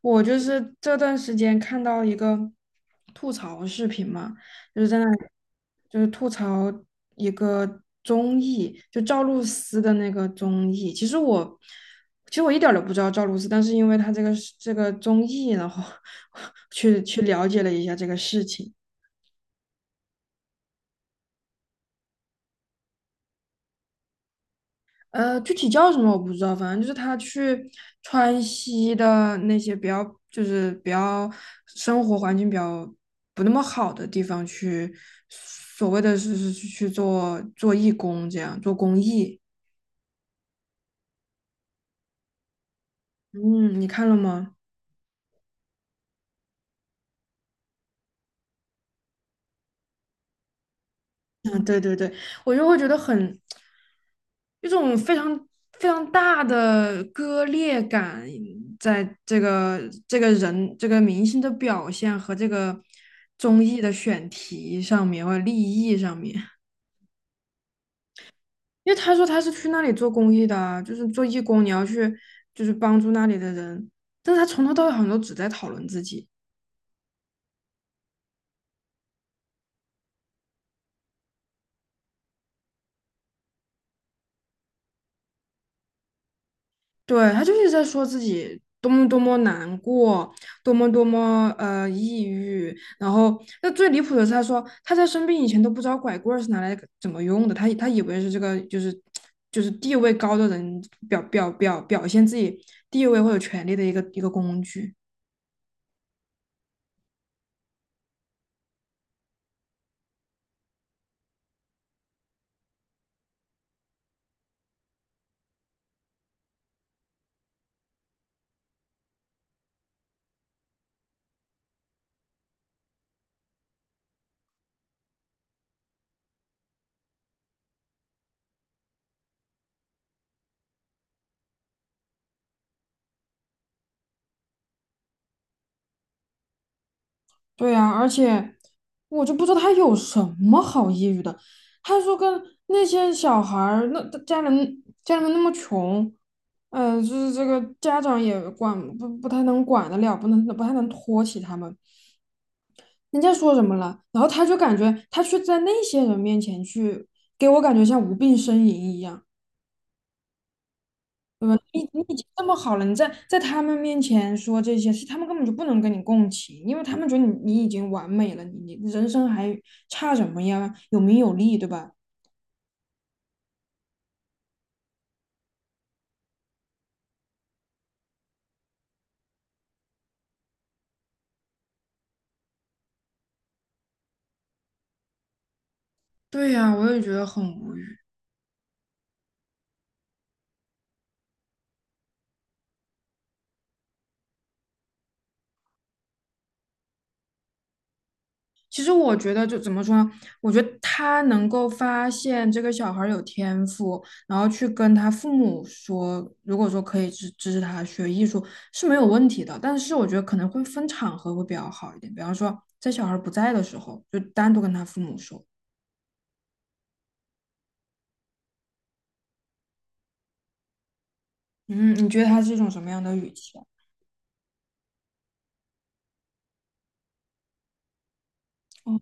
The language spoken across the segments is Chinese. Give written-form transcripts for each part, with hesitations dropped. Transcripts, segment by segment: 我就是这段时间看到一个吐槽视频嘛，就是在那里就是吐槽一个综艺，就赵露思的那个综艺。其实我一点儿都不知道赵露思，但是因为她这个综艺，然后 去了解了一下这个事情。具体叫什么我不知道，反正就是他去川西的那些比较，就是比较生活环境比较不那么好的地方去，所谓的是去做做义工，这样做公益。嗯，你看了吗？嗯，对对对，我就会觉得很一种非常非常大的割裂感，在这个人这个明星的表现和这个综艺的选题上面或者利益上面，因为他说他是去那里做公益的啊，就是做义工，你要去就是帮助那里的人，但是他从头到尾好像都只在讨论自己。对，他就是在说自己多么多么难过，多么多么抑郁。然后，那最离谱的是，他说他在生病以前都不知道拐棍儿是拿来怎么用的，他以为是这个，就是地位高的人表现自己地位或者权力的一个工具。对呀，而且我就不知道他有什么好抑郁的。他说跟那些小孩儿，那家人那么穷，就是这个家长也管不不太能管得了，不太能托起他们。人家说什么了，然后他就感觉他去在那些人面前去，给我感觉像无病呻吟一样。嗯，你已经这么好了，你在他们面前说这些事，他们根本就不能跟你共情，因为他们觉得你已经完美了，你人生还差什么呀？有名有利，对吧？对呀，我也觉得很无语。其实我觉得就怎么说呢，我觉得他能够发现这个小孩儿有天赋，然后去跟他父母说，如果说可以支持他学艺术是没有问题的，但是我觉得可能会分场合会比较好一点，比方说在小孩儿不在的时候，就单独跟他父母说。嗯，你觉得他是一种什么样的语气啊？哦。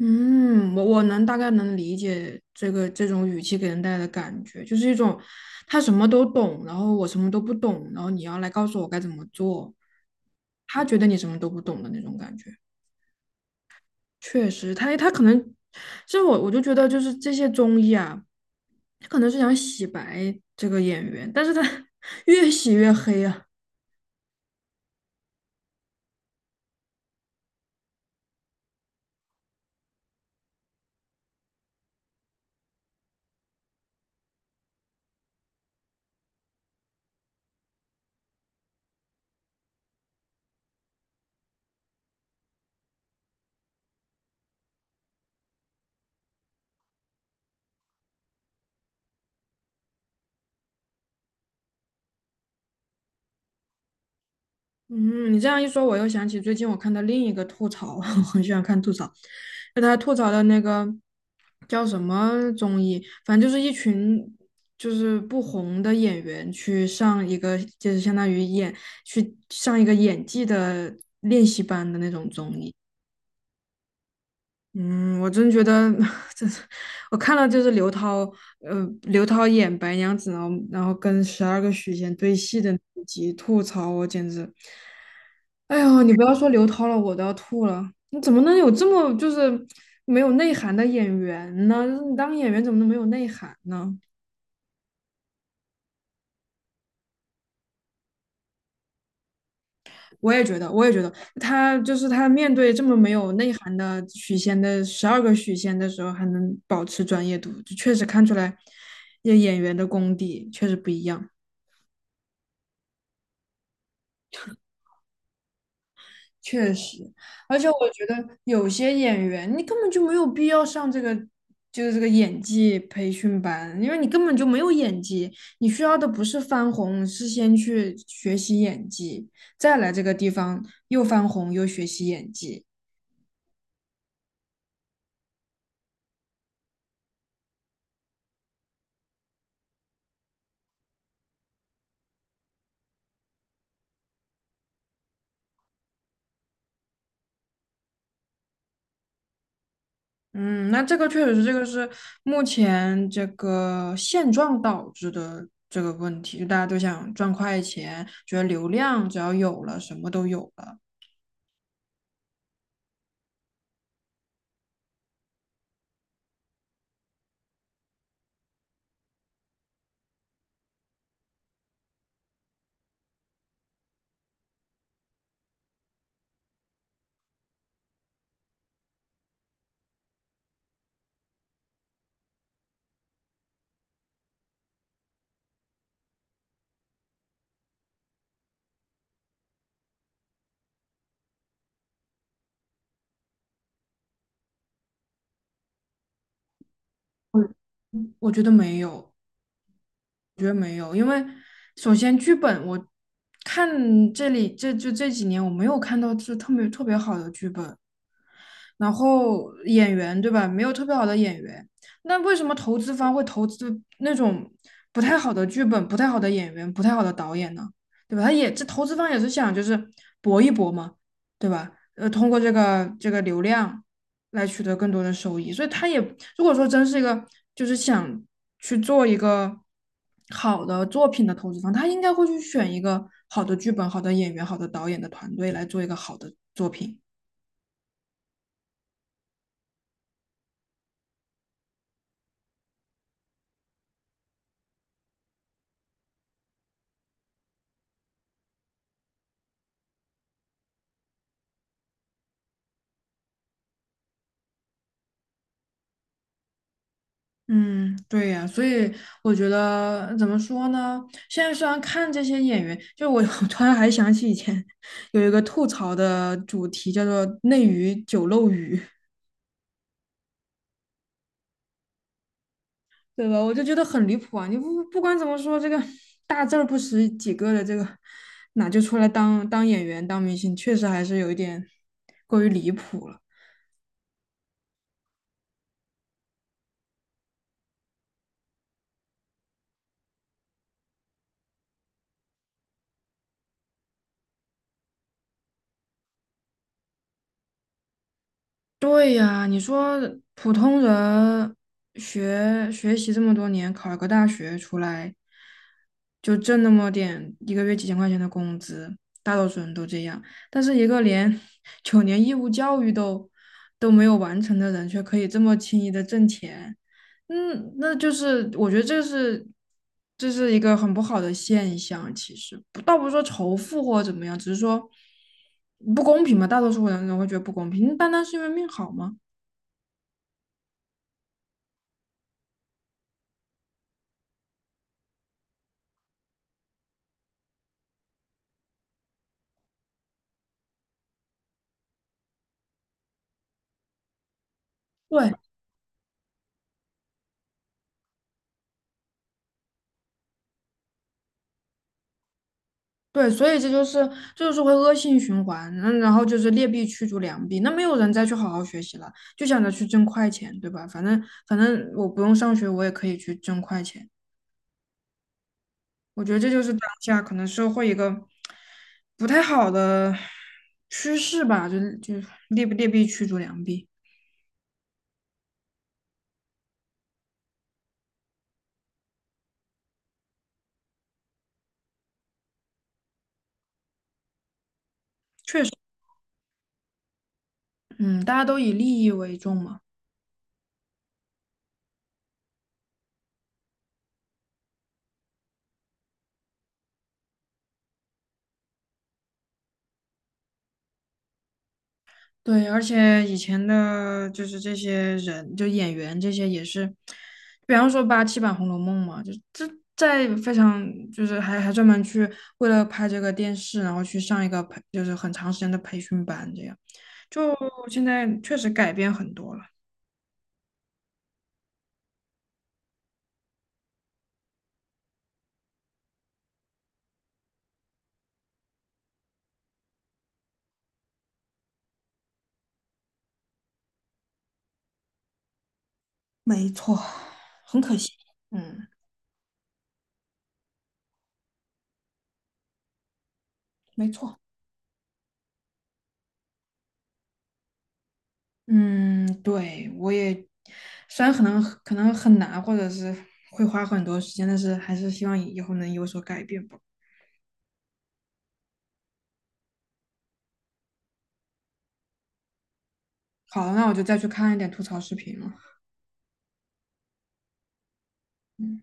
嗯，我能大概能理解这个这种语气给人带来的感觉，就是一种他什么都懂，然后我什么都不懂，然后你要来告诉我该怎么做，他觉得你什么都不懂的那种感觉。确实，他可能，其实我就觉得就是这些综艺啊，他可能是想洗白这个演员，但是他 越洗越黑啊。嗯，你这样一说，我又想起最近我看到另一个吐槽，我很喜欢看吐槽，就他吐槽的那个叫什么综艺，反正就是一群就是不红的演员去上一个，就是相当于去上一个演技的练习班的那种综艺。嗯，我真觉得，这是我看了就是刘涛，刘涛演白娘子，然后跟十二个许仙对戏的那集吐槽，我简直。哎呦，你不要说刘涛了，我都要吐了。你怎么能有这么就是没有内涵的演员呢？你当演员怎么能没有内涵呢？我也觉得，他就是他面对这么没有内涵的许仙的十二个许仙的时候，还能保持专业度，就确实看出来这演员的功底确实不一样。确实，而且我觉得有些演员，你根本就没有必要上这个，就是这个演技培训班，因为你根本就没有演技，你需要的不是翻红，是先去学习演技，再来这个地方又翻红又学习演技。嗯，那这个确实是，这个是目前这个现状导致的这个问题，就大家都想赚快钱，觉得流量只要有了，什么都有了。嗯，我觉得没有。我觉得没有，因为首先剧本我看这里，这就这几年我没有看到就特别特别好的剧本，然后演员对吧，没有特别好的演员，那为什么投资方会投资那种不太好的剧本、不太好的演员、不太好的导演呢？对吧？这投资方也是想就是搏一搏嘛，对吧？通过这个流量来取得更多的收益，所以他也，如果说真是一个就是想去做一个好的作品的投资方，他应该会去选一个好的剧本、好的演员、好的导演的团队来做一个好的作品。嗯，对呀，所以我觉得怎么说呢？现在虽然看这些演员，就我 我突然还想起以前有一个吐槽的主题，叫做"内娱酒漏鱼"，对吧？我就觉得很离谱啊！你不管怎么说，这个大字儿不识几个的，这个哪就出来当演员、当明星，确实还是有一点过于离谱了。对呀，你说普通人学习这么多年，考个大学出来，就挣那么点，一个月几千块钱的工资，大多数人都这样。但是一个连 九年义务教育都没有完成的人，却可以这么轻易的挣钱，嗯，那就是我觉得这是，一个很不好的现象。其实不倒不是说仇富或者怎么样，只是说不公平嘛。大多数人都会觉得不公平，单单是因为命好吗？对对，所以这就是，会恶性循环。嗯，然后就是劣币驱逐良币，那没有人再去好好学习了，就想着去挣快钱，对吧？反正我不用上学，我也可以去挣快钱。我觉得这就是当下可能社会一个不太好的趋势吧，就劣币驱逐良币。嗯，大家都以利益为重嘛。对，而且以前的就是这些人，就演员这些也是，比方说87版《红楼梦》嘛，就这在非常就是还专门去为了拍这个电视，然后去上一个就是很长时间的培训班，这样就现在确实改变很多了。没错，很可惜。嗯。没错。嗯，对，我也，虽然可能很难，或者是会花很多时间，但是还是希望以后能有所改变吧。好了，那我就再去看一点吐槽视频了。嗯。